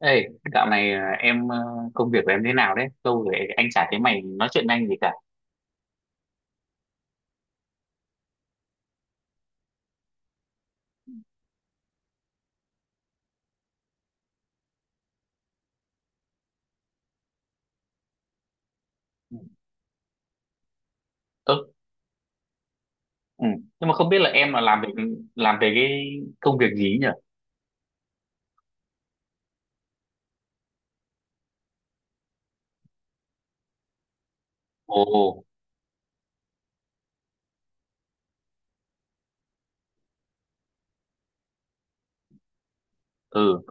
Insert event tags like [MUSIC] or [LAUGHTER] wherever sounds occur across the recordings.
Ê, dạo này à, em ờ, công việc của em thế nào đấy? Lâu rồi anh chả thấy mày nói chuyện với anh gì cả. Ừ. Ơ, ừ. Nhưng mà không biết là em là làm về cái công việc gì nhỉ? Ồ, ừ,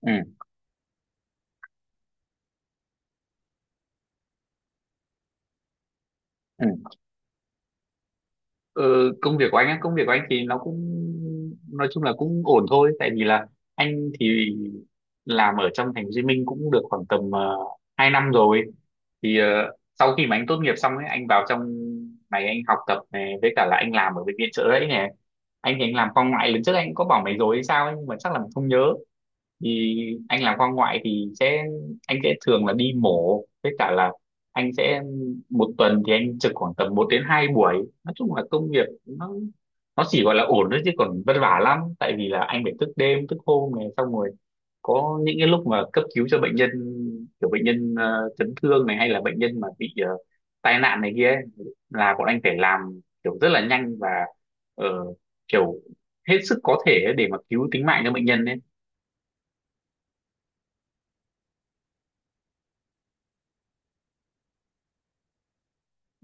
ừ, ừ. Ừ, công việc của anh á, công việc của anh thì nó cũng nói chung là cũng ổn thôi, tại vì là anh thì làm ở trong thành phố Hồ Chí Minh cũng được khoảng tầm 2 năm rồi thì sau khi mà anh tốt nghiệp xong ấy anh vào trong này anh học tập này với cả là anh làm ở bệnh viện Chợ Rẫy này. Anh thì anh làm khoa ngoại, lần trước anh cũng có bảo mày rồi hay sao ấy, nhưng mà chắc là mày không nhớ. Thì anh làm khoa ngoại thì sẽ anh sẽ thường là đi mổ với cả là anh sẽ một tuần thì anh trực khoảng tầm một đến 2 buổi. Nói chung là công việc nó chỉ gọi là ổn thôi chứ còn vất vả lắm, tại vì là anh phải thức đêm thức hôm này, xong rồi có những cái lúc mà cấp cứu cho bệnh nhân, kiểu bệnh nhân chấn thương này hay là bệnh nhân mà bị tai nạn này kia ấy, là bọn anh phải làm kiểu rất là nhanh và ờ, kiểu hết sức có thể để mà cứu tính mạng cho bệnh nhân ấy.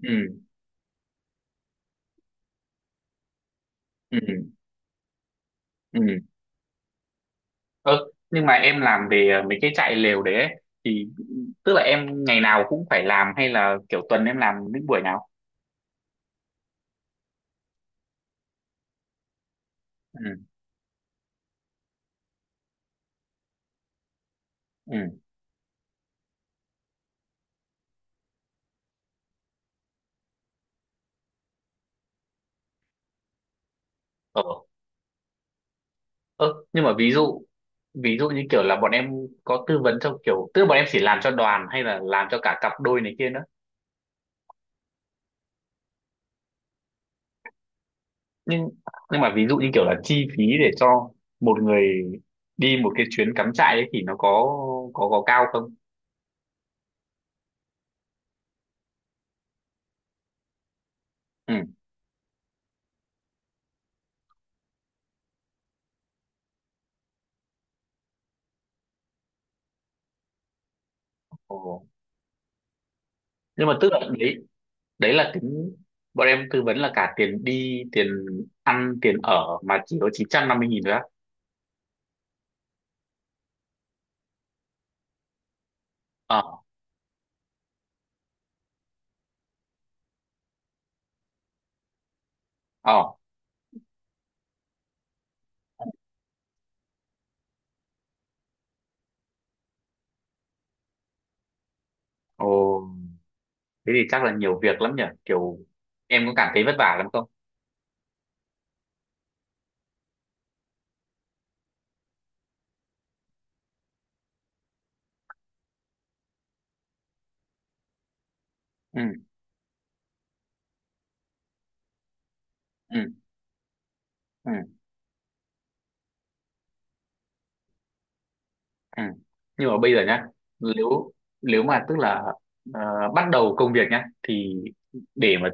Ừ. Ừ. Ừ. Ơ nhưng mà em làm về mấy cái trại lều đấy ấy, thì tức là em ngày nào cũng phải làm hay là kiểu tuần em làm những buổi nào? Ừ. Ừ. Ờ. Ơ, nhưng mà ví dụ như kiểu là bọn em có tư vấn cho kiểu, tức là bọn em chỉ làm cho đoàn hay là làm cho cả cặp đôi này kia nữa? nhưng nhưng mà ví dụ như kiểu là chi phí để cho một người đi một cái chuyến cắm trại ấy thì nó có có cao không? Ừ. Ồ. Nhưng mà tức là đấy, là tính bọn em tư vấn là cả tiền đi, tiền ăn, tiền ở mà chỉ có 950.000 thôi á? Ờ. Ờ. Ồ, thế thì chắc là nhiều việc lắm nhỉ, kiểu em có cảm thấy vất vả lắm không? Ừ. Ừ. Ừ. Ừ. Nhưng mà bây giờ nhá, nếu nếu mà tức là ờ, bắt đầu công việc nhá thì để mà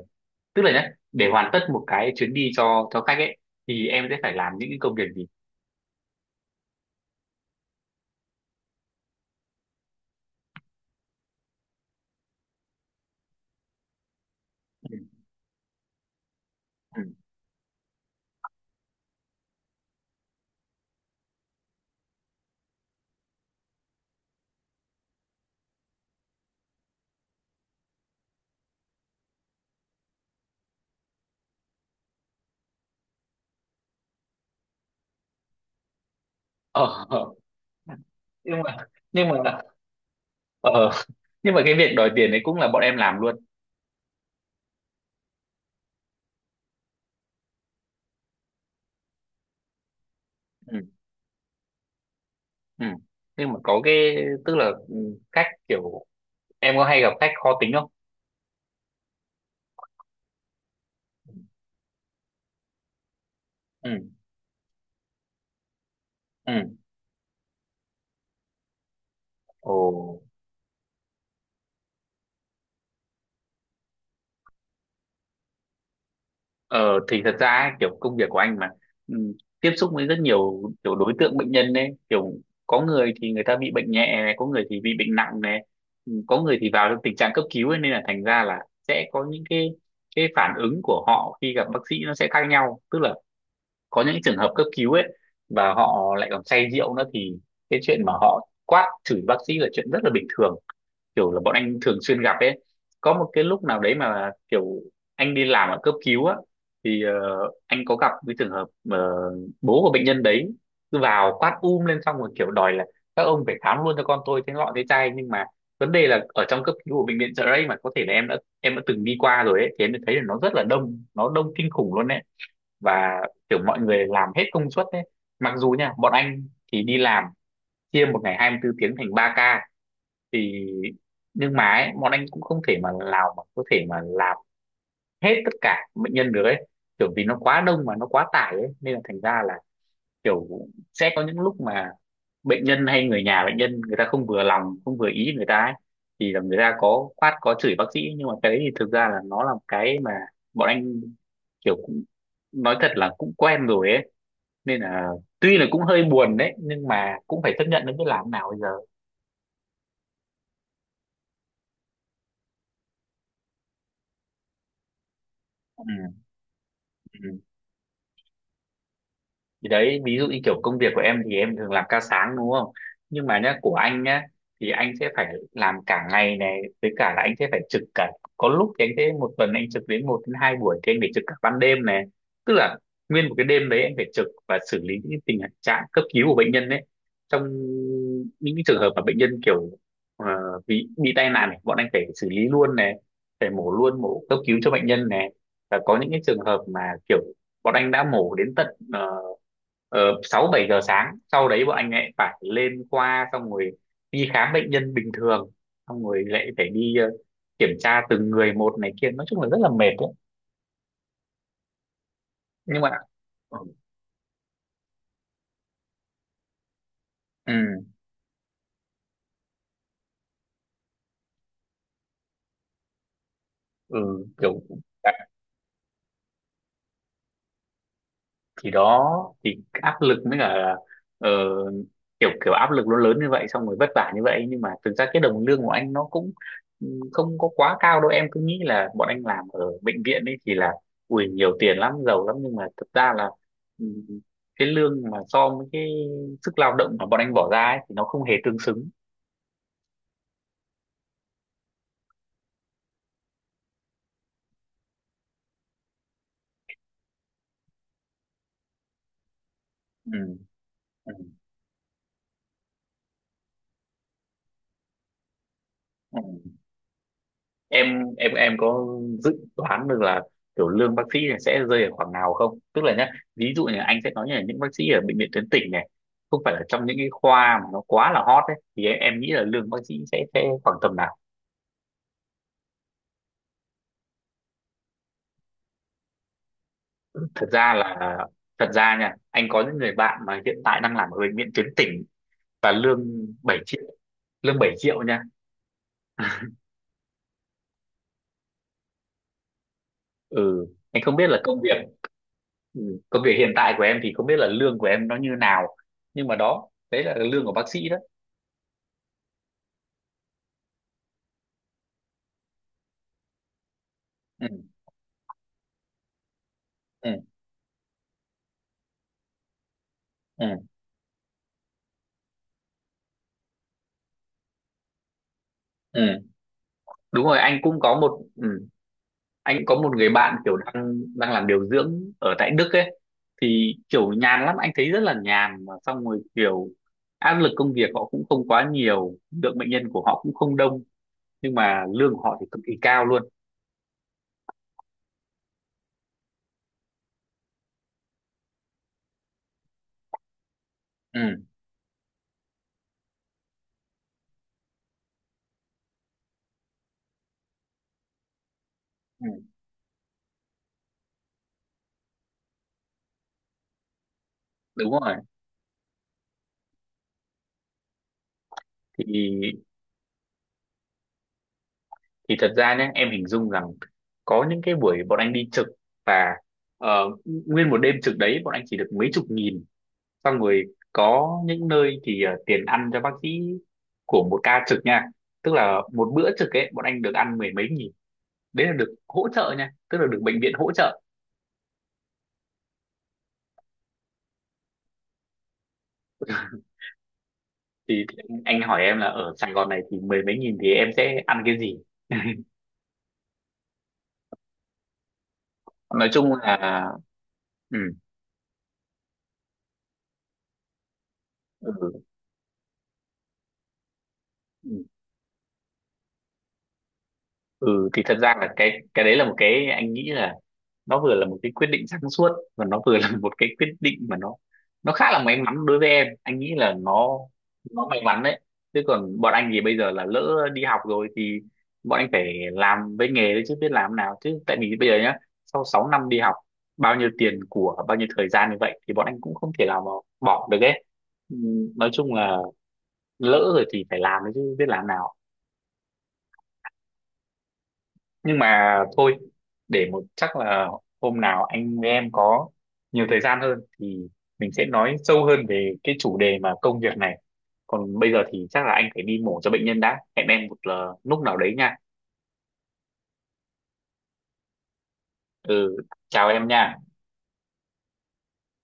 tức là nhá, để hoàn tất một cái chuyến đi cho khách ấy thì em sẽ phải làm những cái công việc gì? Ừ. Ừ. Ờ. Ờ. nhưng mà nhưng mà ờ nhưng mà cái việc đòi tiền đấy cũng là bọn em làm luôn? Ừ. Ừ. Nhưng mà có cái tức là khách kiểu em có hay gặp khách khó tính không? Ừ. Ừ. Ồ. Ờ, thì thật ra ấy, kiểu công việc của anh mà ừ, tiếp xúc với rất nhiều kiểu đối tượng bệnh nhân đấy, kiểu có người thì người ta bị bệnh nhẹ này, có người thì bị bệnh nặng này, ừ, có người thì vào trong tình trạng cấp cứu ấy, nên là thành ra là sẽ có những cái phản ứng của họ khi gặp bác sĩ nó sẽ khác nhau. Tức là có những trường hợp cấp cứu ấy và họ lại còn say rượu nữa thì cái chuyện mà họ quát chửi bác sĩ là chuyện rất là bình thường, kiểu là bọn anh thường xuyên gặp ấy. Có một cái lúc nào đấy mà kiểu anh đi làm ở cấp cứu á thì anh có gặp cái trường hợp mà bố của bệnh nhân đấy cứ vào quát lên, xong rồi kiểu đòi là các ông phải khám luôn cho con tôi thế lọ thế chai. Nhưng mà vấn đề là ở trong cấp cứu của bệnh viện Chợ Rẫy, mà có thể là em đã từng đi qua rồi ấy, thì em đã thấy là nó rất là đông, nó đông kinh khủng luôn ấy. Và kiểu mọi người làm hết công suất đấy, mặc dù nha bọn anh thì đi làm chia một ngày 24 tiếng thành 3 ca thì nhưng mà ấy, bọn anh cũng không thể mà nào mà có thể mà làm hết tất cả bệnh nhân được ấy, kiểu vì nó quá đông mà nó quá tải ấy, nên là thành ra là kiểu sẽ có những lúc mà bệnh nhân hay người nhà bệnh nhân người ta không vừa lòng không vừa ý người ta ấy, thì là người ta có quát có chửi bác sĩ. Nhưng mà cái đấy thì thực ra là nó là một cái mà bọn anh kiểu cũng nói thật là cũng quen rồi ấy, nên là tuy là cũng hơi buồn đấy nhưng mà cũng phải chấp nhận nó, biết làm nào bây giờ. Ừ. Ừ. Thì đấy, ví dụ như kiểu công việc của em thì em thường làm ca sáng đúng không, nhưng mà nhá của anh nhá thì anh sẽ phải làm cả ngày này với cả là anh sẽ phải trực cả, có lúc thì anh sẽ một tuần anh trực đến một đến hai buổi thì anh phải trực cả ban đêm này. Tức là nguyên một cái đêm đấy anh phải trực và xử lý những cái tình trạng cấp cứu của bệnh nhân đấy, trong những cái trường hợp mà bệnh nhân kiểu ờ, bị tai nạn này, bọn anh phải xử lý luôn này, phải mổ luôn, mổ cấp cứu cho bệnh nhân này. Và có những cái trường hợp mà kiểu bọn anh đã mổ đến tận ờ, ờ, 6 7 giờ sáng, sau đấy bọn anh lại phải lên khoa, xong rồi đi khám bệnh nhân bình thường, xong rồi lại phải đi kiểm tra từng người một này kia, nói chung là rất là mệt đấy. Nhưng mà ừ, ừ kiểu thì đó, thì áp lực mới cả ờ, kiểu kiểu áp lực nó lớn như vậy, xong rồi vất vả như vậy nhưng mà thực ra cái đồng lương của anh nó cũng ừ, không có quá cao đâu. Em cứ nghĩ là bọn anh làm ở bệnh viện ấy thì là ui nhiều tiền lắm, giàu lắm, nhưng mà thực ra là ừ, cái lương mà so với cái sức lao động mà bọn anh bỏ ra ấy, thì nó không hề tương xứng. Ừ. Ừ. Ừ. Em có dự đoán được là kiểu lương bác sĩ này sẽ rơi ở khoảng nào không? Tức là nhá, ví dụ như anh sẽ nói như là những bác sĩ ở bệnh viện tuyến tỉnh này, không phải là trong những cái khoa mà nó quá là hot ấy, thì em nghĩ là lương bác sĩ sẽ khoảng tầm nào? thật ra là Thật ra nha anh có những người bạn mà hiện tại đang làm ở bệnh viện tuyến tỉnh và 7 triệu lương 7 triệu nha. [LAUGHS] Ừ anh không biết là công việc ừ, công việc hiện tại của em thì không biết là lương của em nó như nào, nhưng mà đó đấy là lương của bác sĩ đó. Ừ. Ừ. Ừ. Ừ, đúng rồi, anh cũng có một người bạn kiểu đang đang làm điều dưỡng ở tại Đức ấy, thì kiểu nhàn lắm, anh thấy rất là nhàn, mà xong rồi kiểu áp lực công việc họ cũng không quá nhiều, lượng bệnh nhân của họ cũng không đông, nhưng mà lương của họ thì cực kỳ cao luôn. Ừ, ừ, đúng rồi. thì thì thật ra nhé em hình dung rằng có những cái buổi bọn anh đi trực và ờ, nguyên một đêm trực đấy bọn anh chỉ được mấy chục nghìn, xong rồi có những nơi thì tiền ăn cho bác sĩ của một ca trực nha, tức là một bữa trực ấy bọn anh được ăn mười mấy nghìn, đấy là được hỗ trợ nha, tức là được bệnh viện hỗ trợ. Thì anh hỏi em là ở Sài Gòn này thì mười mấy nghìn thì em sẽ ăn cái gì? Nói chung là ừ, ừ. Ừ thì thật ra là cái đấy là một cái anh nghĩ là nó vừa là một cái quyết định sáng suốt và nó vừa [LAUGHS] là một cái quyết định mà nó khá là may mắn đối với em, anh nghĩ là nó may mắn đấy. Chứ còn bọn anh thì bây giờ là lỡ đi học rồi thì bọn anh phải làm với nghề đấy chứ biết làm nào, chứ tại vì bây giờ nhá, sau 6 năm đi học, bao nhiêu tiền của bao nhiêu thời gian như vậy thì bọn anh cũng không thể nào mà bỏ được ấy. Ừ, nói chung là lỡ rồi thì phải làm đấy chứ biết làm nào. Nhưng mà thôi, để một chắc là hôm nào anh với em có nhiều thời gian hơn thì mình sẽ nói sâu hơn về cái chủ đề mà công việc này. Còn bây giờ thì chắc là anh phải đi mổ cho bệnh nhân, đã hẹn em một lúc nào đấy nha. Ừ, chào em nha.